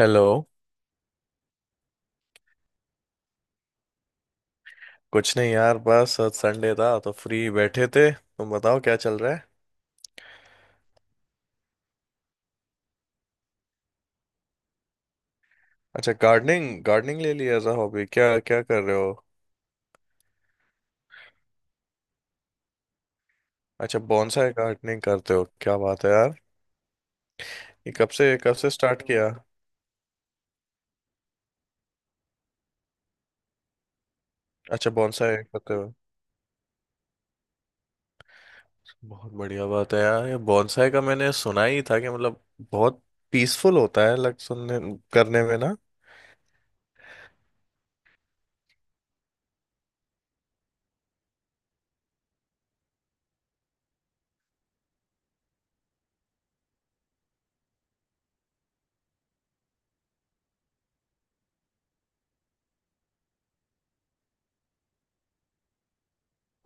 Hello. कुछ नहीं यार, बस आज संडे था तो फ्री बैठे थे। तुम बताओ क्या चल रहा है। अच्छा, गार्डनिंग गार्डनिंग ले लिया एज अ हॉबी। क्या क्या कर रहे हो। अच्छा, बॉन्साई गार्डनिंग करते हो, क्या बात है यार। ये कब से स्टार्ट किया। अच्छा, बॉन्साई करते हो, बहुत बढ़िया बात है यार। ये बॉन्साई का मैंने सुना ही था कि मतलब बहुत पीसफुल होता है लग सुनने करने में ना।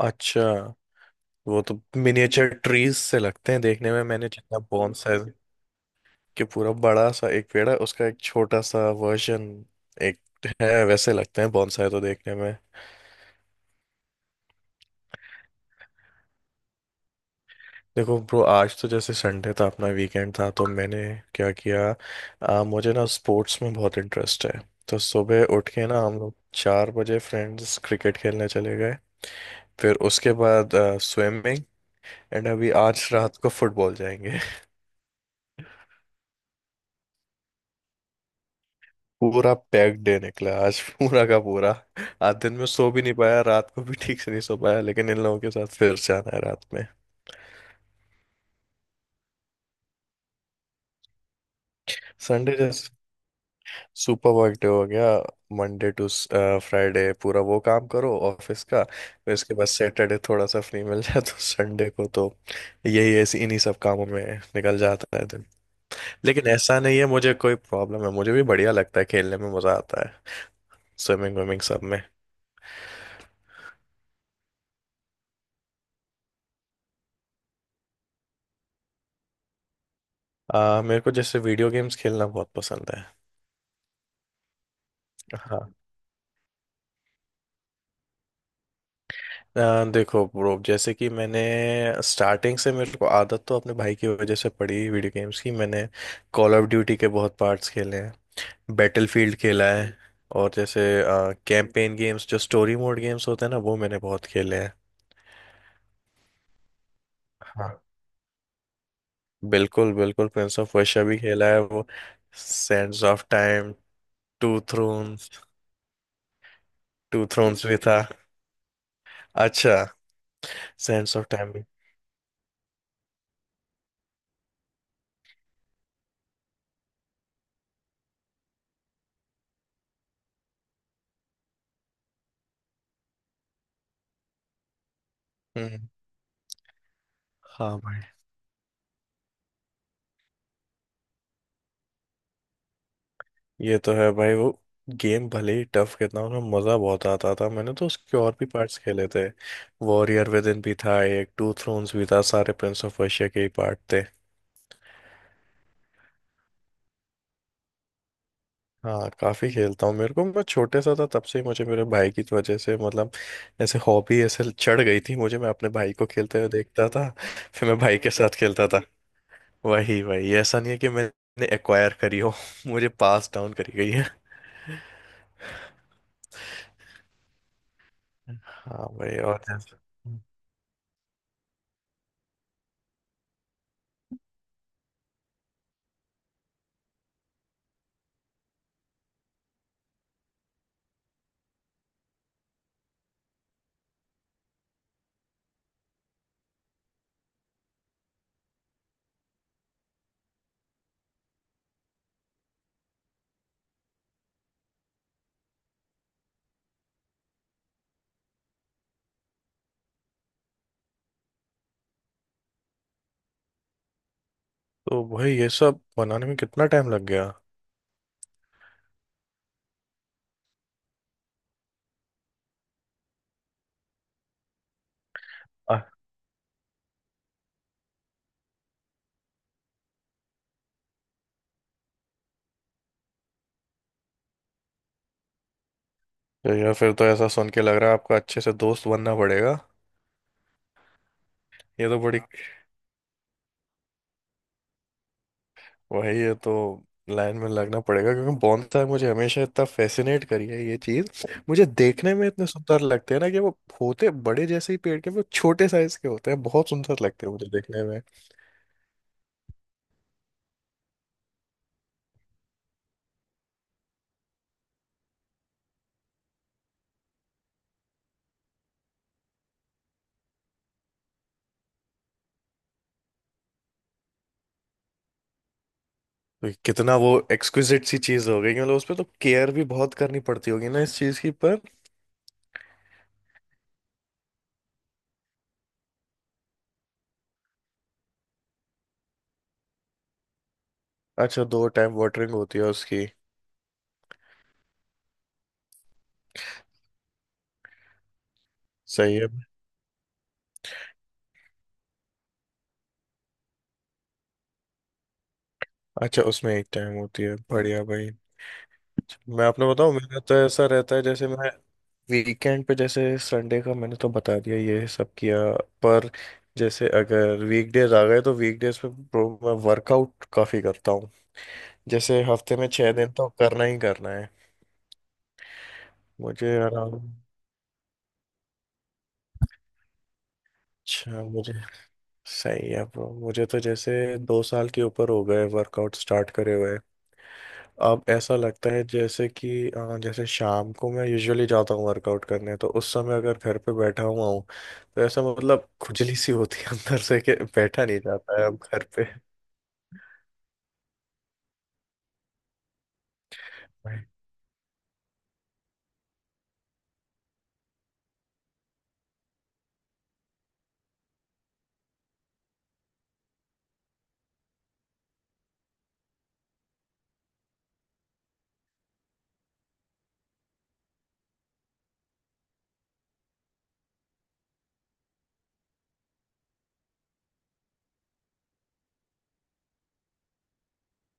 अच्छा, वो तो मिनिएचर ट्रीज से लगते हैं देखने में। मैंने जितना बॉन्साई, कि पूरा बड़ा सा एक पेड़ है, उसका एक छोटा सा वर्जन एक है, वैसे लगते हैं बॉन्साई तो देखने में। देखो ब्रो, आज तो जैसे संडे था, अपना वीकेंड था, तो मैंने क्या किया, मुझे ना स्पोर्ट्स में बहुत इंटरेस्ट है। तो सुबह उठ के ना हम लोग 4 बजे फ्रेंड्स क्रिकेट खेलने चले गए। फिर उसके बाद स्विमिंग, एंड अभी आज रात को फुटबॉल जाएंगे। पूरा पैक्ड डे निकला आज, पूरा का पूरा। आज दिन में सो भी नहीं पाया, रात को भी ठीक से नहीं सो पाया, लेकिन इन लोगों के साथ फिर से आना है रात में। संडे जैसे सुपर वर्क डे हो गया। मंडे टू फ्राइडे पूरा वो काम करो ऑफिस का, फिर इसके बाद सैटरडे थोड़ा सा फ्री मिल जाए तो संडे को तो यही, ऐसे इन्हीं सब कामों में निकल जाता है दिन। लेकिन ऐसा नहीं है मुझे कोई प्रॉब्लम है, मुझे भी बढ़िया लगता है, खेलने में मजा आता है, स्विमिंग विमिंग सब में। मेरे को जैसे वीडियो गेम्स खेलना बहुत पसंद है। हाँ। अ, देखो ब्रो, जैसे कि मैंने स्टार्टिंग से, मेरे को आदत तो अपने भाई की वजह से पड़ी वीडियो गेम्स की। मैंने कॉल ऑफ ड्यूटी के बहुत पार्ट्स खेले हैं, बैटलफील्ड खेला है। और जैसे कैंपेन गेम्स, जो स्टोरी मोड गेम्स होते हैं ना, वो मैंने बहुत खेले हैं। हाँ, बिल्कुल बिल्कुल, प्रिंस ऑफ पर्शिया भी खेला है, वो sands of time, two thrones. Two thrones भी था। अच्छा। सैंड्स ऑफ टाइम भी। हम्म। हाँ भाई। ये तो है भाई, वो गेम भले ही टफ कितना हो, उसमें मज़ा बहुत आता था। मैंने तो उसके और भी पार्ट्स खेले थे। वॉरियर विद इन भी था एक, टू थ्रोन्स भी था, सारे प्रिंस ऑफ पर्शिया के ही पार्ट थे। हाँ काफ़ी खेलता हूँ, मेरे को मैं छोटे सा था तब से ही, मुझे मेरे भाई की वजह से मतलब ऐसे हॉबी ऐसे चढ़ गई थी मुझे। मैं अपने भाई को खेलते हुए देखता था, फिर मैं भाई के साथ खेलता था। वही वही, ऐसा नहीं है कि मैंने एक्वायर करी हो मुझे पास डाउन करी गई है। हाँ भाई, और जैसे, तो भाई ये सब बनाने में कितना टाइम लग गया। अ- तो या फिर तो ऐसा सुन के लग रहा है आपको अच्छे से दोस्त बनना पड़ेगा। ये तो बड़ी, वही है तो, लाइन में लगना पड़ेगा, क्योंकि बोनसाई मुझे हमेशा इतना फैसिनेट करी है। ये चीज मुझे देखने में इतने सुंदर लगते हैं ना, कि वो होते बड़े जैसे ही पेड़ के, वो छोटे साइज के होते हैं, बहुत सुंदर लगते हैं मुझे देखने में। तो कितना वो एक्सक्विजिट सी चीज हो गई, मतलब उस पे तो केयर भी बहुत करनी पड़ती होगी ना इस चीज की, पर अच्छा दो टाइम वाटरिंग होती है उसकी। सही है। अच्छा उसमें एक टाइम होती है, बढ़िया भाई। मैं आपने बताऊं, मेरा तो ऐसा रहता है, जैसे मैं वीकेंड पे, जैसे संडे का मैंने तो बता दिया ये सब किया। पर जैसे अगर वीकडेज आ गए तो वीकडेज पे bro, मैं वर्कआउट काफी करता हूँ। जैसे हफ्ते में 6 दिन तो करना ही करना है। मुझे आराम, अच्छा मुझे, सही है ब्रो। मुझे तो जैसे 2 साल के ऊपर हो गए वर्कआउट स्टार्ट करे हुए। अब ऐसा लगता है जैसे कि जैसे शाम को मैं यूजुअली जाता हूँ वर्कआउट करने, तो उस समय अगर घर पे बैठा हुआ हूँ तो ऐसा मतलब खुजली सी होती है अंदर से, कि बैठा नहीं जाता है अब घर पे।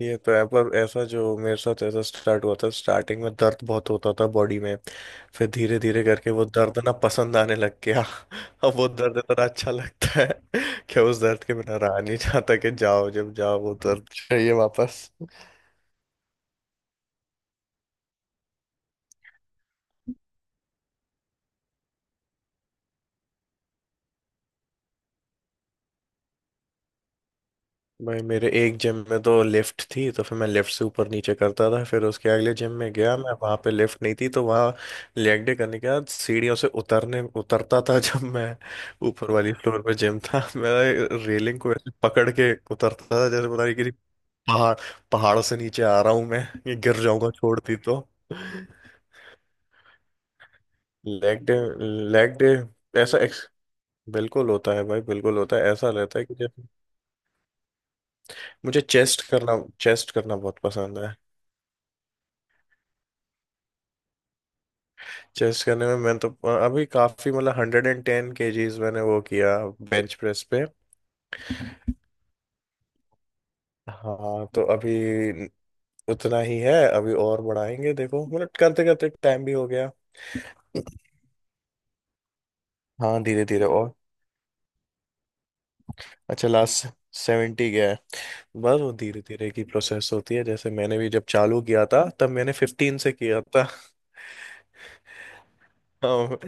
ये तो है, पर ऐसा जो मेरे साथ, ऐसा स्टार्ट हुआ था स्टार्टिंग में दर्द बहुत होता था बॉडी में। फिर धीरे धीरे करके वो दर्द ना पसंद आने लग गया। अब वो दर्द इतना अच्छा लगता है कि उस दर्द के बिना रहा नहीं जाता, कि जाओ जब जाओ वो दर्द चाहिए वापस। भाई मेरे एक जिम में तो लिफ्ट थी, तो फिर मैं लिफ्ट से ऊपर नीचे करता था। फिर उसके अगले जिम में गया मैं, वहां पे लिफ्ट नहीं थी, तो वहां लेग डे करने के बाद सीढ़ियों से उतरने उतरता था जब मैं, ऊपर वाली फ्लोर पे जिम था। मैं रेलिंग को ऐसे पकड़ के उतरता था जैसे पता नहीं किसी पहाड़, पहाड़ से नीचे आ रहा हूं मैं, ये गिर जाऊंगा छोड़ती तो। लेग डे, लेग डे, ऐसा बिल्कुल होता है भाई, बिल्कुल होता है, ऐसा रहता है कि जैसे मुझे चेस्ट करना, चेस्ट करना बहुत पसंद है। चेस्ट करने में मैं तो अभी काफी, मतलब 110 kg मैंने वो किया बेंच प्रेस पे। हाँ तो अभी उतना ही है, अभी और बढ़ाएंगे, देखो मतलब करते करते टाइम भी हो गया। हाँ धीरे धीरे और, अच्छा लास्ट 70 गया है। बस वो धीरे धीरे की प्रोसेस होती है, जैसे मैंने भी जब चालू किया था, तब मैंने 15 से किया था। हाँ।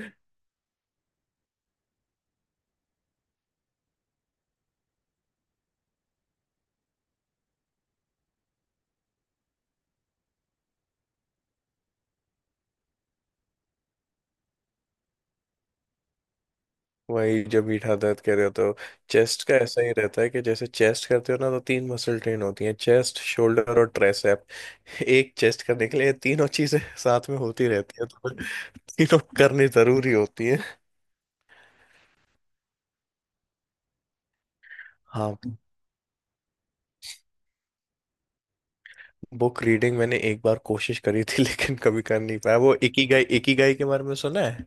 वही जब मीठा दर्द कह रहे हो तो चेस्ट का ऐसा ही रहता है, कि जैसे चेस्ट करते हो ना, तो तीन मसल ट्रेन होती हैं, चेस्ट, शोल्डर और ट्राइसेप। एक चेस्ट करने के लिए तीनों चीजें साथ में होती रहती है, तो तीनों करनी जरूरी होती है। हाँ। बुक रीडिंग मैंने एक बार कोशिश करी थी लेकिन कभी कर नहीं पाया, वो इकिगाई, इकिगाई के बारे में सुना है।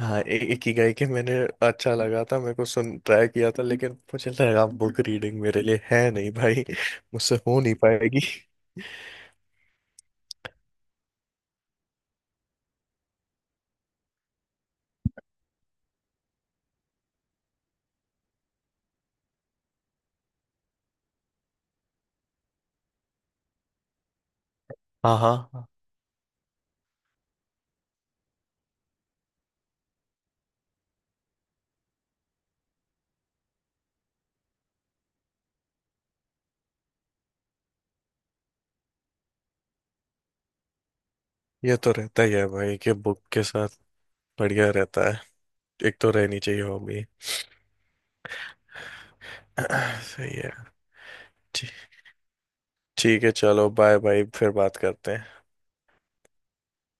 हाँ, इकिगाई के मैंने अच्छा लगा था मेरे को, सुन ट्राई किया था, लेकिन मुझे लगा बुक रीडिंग मेरे लिए है नहीं भाई, मुझसे हो नहीं पाएगी। हाँ हाँ, ये तो रहता ही है भाई कि बुक के साथ बढ़िया रहता है, एक तो रहनी चाहिए हॉबी। सही है। ठीक, ठीक है, चलो, बाय बाय, फिर बात करते हैं।